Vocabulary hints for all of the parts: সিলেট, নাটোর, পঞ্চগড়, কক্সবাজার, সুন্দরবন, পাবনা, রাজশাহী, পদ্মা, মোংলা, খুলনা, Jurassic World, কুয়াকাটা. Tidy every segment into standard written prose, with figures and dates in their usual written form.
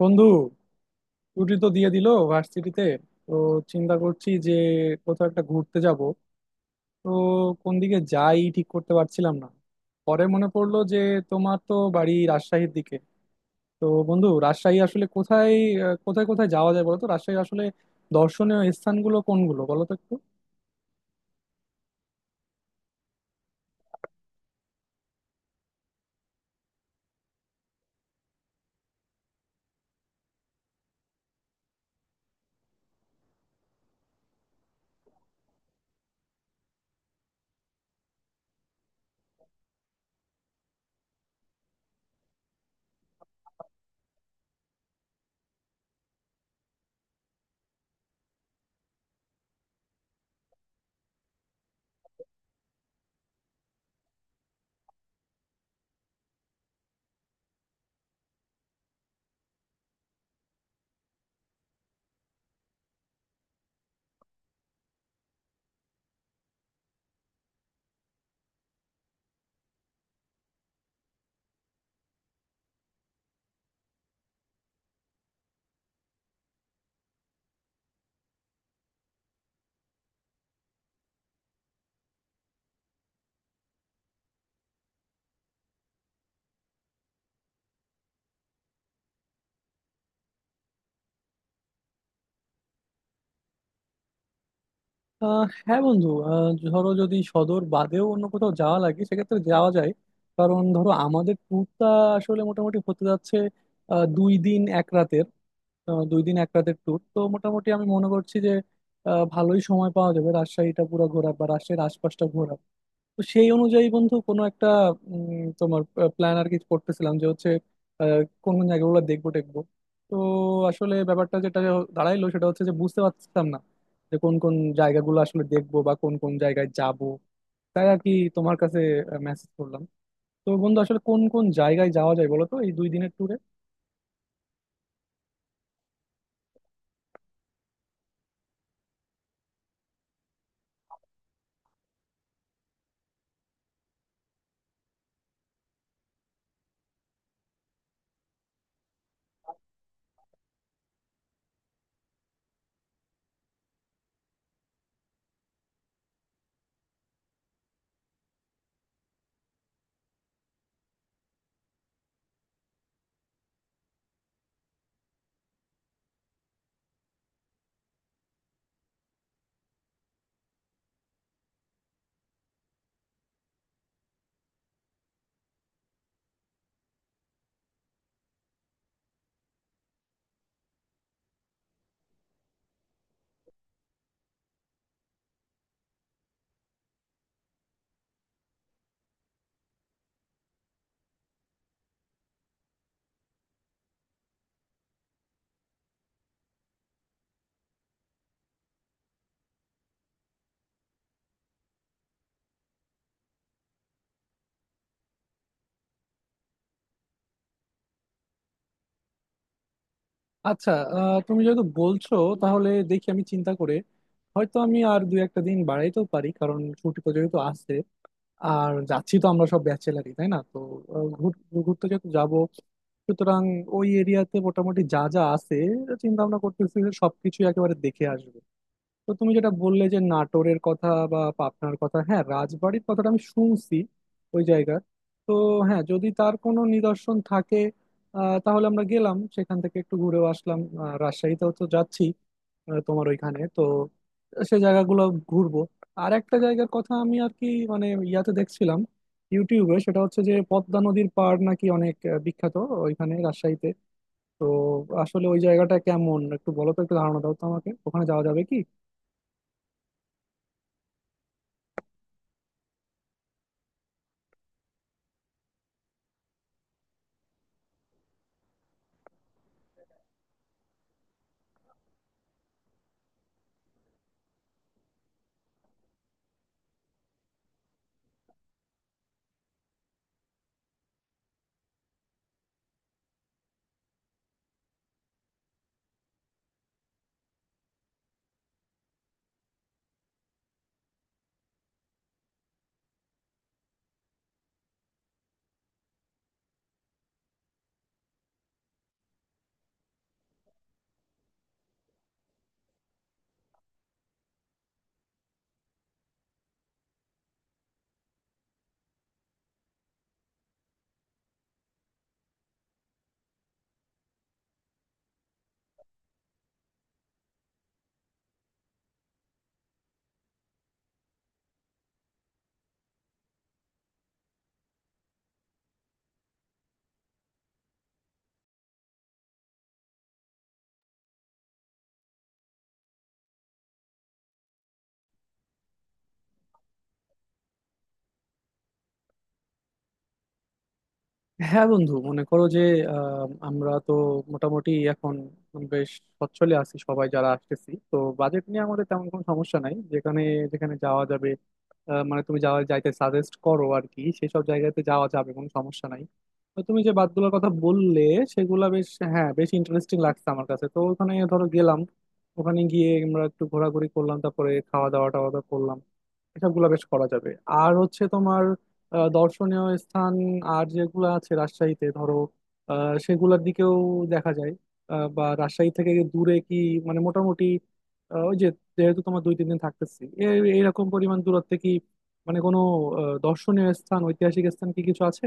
বন্ধু, ছুটি তো দিয়ে দিল ভার্সিটিতে। তো চিন্তা করছি যে কোথাও একটা ঘুরতে যাব। তো কোন দিকে যাই ঠিক করতে পারছিলাম না। পরে মনে পড়লো যে তোমার তো বাড়ি রাজশাহীর দিকে। তো বন্ধু, রাজশাহী আসলে কোথায়? কোথায় কোথায় যাওয়া যায় বলো তো রাজশাহীর আসলে? দর্শনীয় স্থানগুলো কোনগুলো বলো তো একটু। হ্যাঁ বন্ধু, ধরো যদি সদর বাদেও অন্য কোথাও যাওয়া লাগে সেক্ষেত্রে যাওয়া যায়। কারণ ধরো আমাদের ট্যুরটা আসলে মোটামুটি হতে যাচ্ছে 2 দিন 1 রাতের। 2 দিন 1 রাতের ট্যুর তো, মোটামুটি আমি মনে করছি যে ভালোই সময় পাওয়া যাবে রাজশাহীটা পুরো ঘোরার বা রাজশাহীর আশপাশটা ঘোরার। তো সেই অনুযায়ী বন্ধু কোনো একটা, তোমার প্ল্যান আর কি করতেছিলাম, যে হচ্ছে কোন কোন জায়গাগুলো দেখবো টেকবো। তো আসলে ব্যাপারটা যেটা দাঁড়াইলো সেটা হচ্ছে যে বুঝতে পারছিলাম না যে কোন কোন জায়গাগুলো আসলে দেখবো বা কোন কোন জায়গায় যাবো, তাই আর কি তোমার কাছে মেসেজ করলাম। তো বন্ধু, আসলে কোন কোন জায়গায় যাওয়া যায় বলো তো এই 2 দিনের? আচ্ছা, তুমি যেহেতু বলছো তাহলে দেখি আমি চিন্তা করে, হয়তো আমি আর দুই একটা দিন বাড়াইতেও পারি, কারণ ছুটি তো যেহেতু আছে। আর যাচ্ছি তো আমরা সব ব্যাচেলারই, তাই না? তো ঘুরতে যেহেতু যাবো, সুতরাং ওই এরিয়াতে মোটামুটি যা যা আছে, চিন্তা ভাবনা করতেছি যে সবকিছু একেবারে দেখে আসবো। তো তুমি যেটা বললে যে নাটোরের কথা বা পাবনার কথা, হ্যাঁ রাজবাড়ির কথাটা আমি শুনছি ওই জায়গার। তো হ্যাঁ, যদি তার কোনো নিদর্শন থাকে তাহলে আমরা গেলাম সেখান থেকে একটু ঘুরেও আসলাম। রাজশাহীতেও তো যাচ্ছি, তোমার ওইখানে, তো সে জায়গাগুলো ঘুরবো। আর একটা জায়গার কথা আমি আর কি মানে ইয়াতে দেখছিলাম, ইউটিউবে, সেটা হচ্ছে যে পদ্মা নদীর পাড় নাকি অনেক বিখ্যাত ওইখানে রাজশাহীতে। তো আসলে ওই জায়গাটা কেমন একটু বলো তো, একটু ধারণা দাও তো আমাকে, ওখানে যাওয়া যাবে কি? হ্যাঁ বন্ধু, মনে করো যে আমরা তো মোটামুটি এখন বেশ সচ্ছলে আছি সবাই যারা আসতেছি, তো বাজেট নিয়ে আমাদের তেমন কোনো সমস্যা নাই। যেখানে যেখানে যাওয়া যাবে, মানে তুমি যাওয়া যাইতে সাজেস্ট করো আর কি, সেসব জায়গাতে যাওয়া যাবে কোনো সমস্যা নাই। তো তুমি যে বাতগুলোর কথা বললে সেগুলা বেশ, হ্যাঁ বেশ ইন্টারেস্টিং লাগছে আমার কাছে। তো ওখানে ধরো গেলাম, ওখানে গিয়ে আমরা একটু ঘোরাঘুরি করলাম, তারপরে খাওয়া দাওয়া টাওয়া দাওয়া করলাম, এসবগুলো বেশ করা যাবে। আর হচ্ছে তোমার দর্শনীয় স্থান আর যেগুলো আছে রাজশাহীতে, ধরো সেগুলোর দিকেও দেখা যায়। বা রাজশাহী থেকে দূরে কি মানে মোটামুটি ওই যে, যেহেতু তোমার 2-3 দিন থাকতেছি, এইরকম পরিমাণ দূরত্বে কি মানে কোনো দর্শনীয় স্থান ঐতিহাসিক স্থান কি কিছু আছে?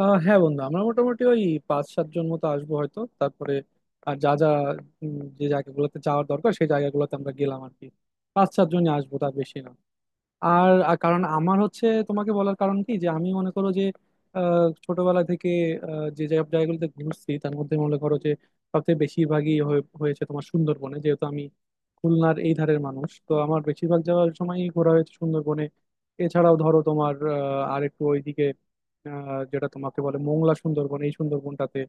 হ্যাঁ বন্ধু, আমরা মোটামুটি ওই 5-7 জন মতো আসবো হয়তো। তারপরে আর যা যা যে জায়গাগুলোতে যাওয়ার দরকার সেই জায়গাগুলোতে আমরা গেলাম আর কি। 5-7 জনই আসবো, তার বেশি না। আর আর কারণ আমার হচ্ছে তোমাকে বলার কারণ কি, যে আমি মনে করো যে ছোটবেলা থেকে যে যে জায়গাগুলোতে ঘুরছি তার মধ্যে, মনে করো যে সবচেয়ে বেশিরভাগই হয়েছে তোমার সুন্দরবনে, যেহেতু আমি খুলনার এই ধারের মানুষ। তো আমার বেশিরভাগ যাওয়ার সময়ই ঘোরা হয়েছে সুন্দরবনে। এছাড়াও ধরো তোমার আর একটু ওইদিকে যেটা তোমাকে বলে মোংলা সুন্দরবন, এই সুন্দরবনটাতে,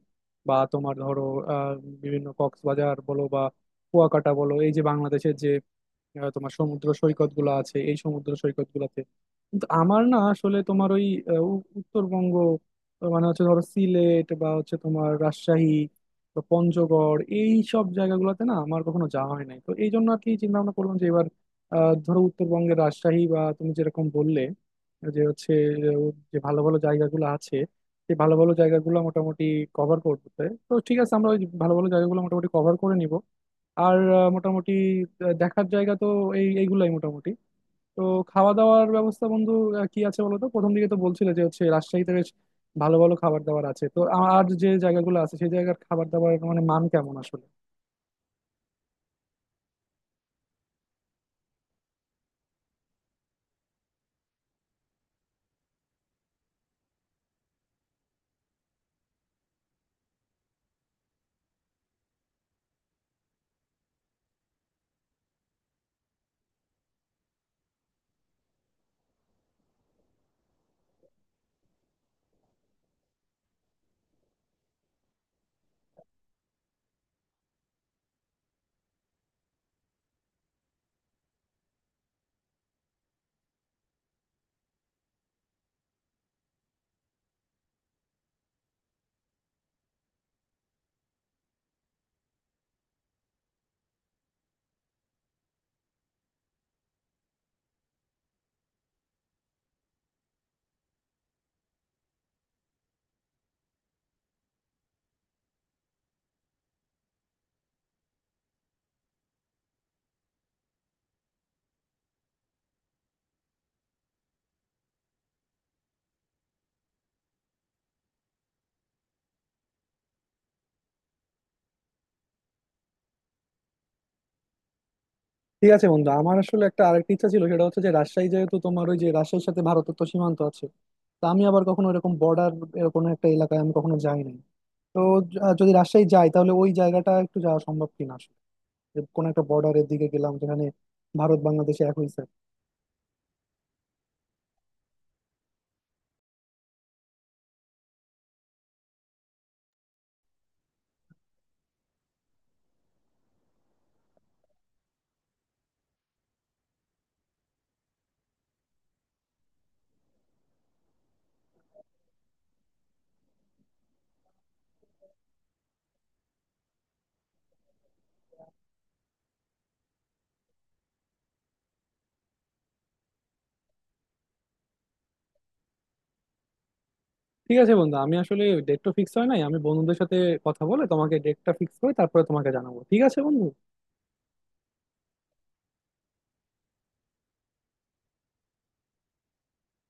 বা তোমার ধরো আহ, বিভিন্ন কক্সবাজার বলো বা কুয়াকাটা বলো, এই যে বাংলাদেশের যে তোমার সমুদ্র সৈকত গুলো আছে এই সমুদ্র সৈকত গুলাতে, কিন্তু আমার না আসলে তোমার ওই উত্তরবঙ্গ, মানে হচ্ছে ধরো সিলেট বা হচ্ছে তোমার রাজশাহী বা পঞ্চগড়, এই সব জায়গাগুলোতে না আমার কখনো যাওয়া হয় নাই। তো এই জন্য আর কি চিন্তা ভাবনা করলাম যে এবার ধরো উত্তরবঙ্গের রাজশাহী বা তুমি যেরকম বললে, যে হচ্ছে আহ, যে ভালো ভালো জায়গাগুলো আছে সেই ভালো ভালো জায়গাগুলো মোটামুটি কভার করতে। তো ঠিক আছে, আমরা ওই ভালো ভালো জায়গাগুলো মোটামুটি কভার করে নিব। আর মোটামুটি দেখার জায়গা তো এই এইগুলাই মোটামুটি। তো খাওয়া দাওয়ার ব্যবস্থা বন্ধু কি আছে বলো তো? প্রথম দিকে তো বলছিলে যে হচ্ছে রাজশাহীতে বেশ ভালো ভালো খাবার দাবার আছে। তো আর যে জায়গাগুলো আছে সেই জায়গার খাবার দাবার, মানে মান কেমন আসলে? ঠিক আছে বন্ধু, আমার আসলে একটা আরেকটা ইচ্ছা ছিল, সেটা হচ্ছে যে রাজশাহী যেহেতু, তোমার ওই যে রাজশাহীর সাথে ভারতের তো সীমান্ত আছে। তা আমি আবার কখনো এরকম বর্ডার, এরকম একটা এলাকায় আমি কখনো যাই নাই। তো য- আহ যদি রাজশাহী যাই তাহলে ওই জায়গাটা একটু যাওয়া সম্ভব কিনা আসলে, যে কোনো একটা বর্ডারের দিকে গেলাম যেখানে ভারত বাংলাদেশে এক হয়েছে। ঠিক আছে বন্ধু, আমি আসলে ডেট তো ফিক্স হয় নাই। আমি বন্ধুদের সাথে কথা বলে তোমাকে ডেটটা ফিক্স করে তারপরে তোমাকে জানাবো, ঠিক আছে বন্ধু?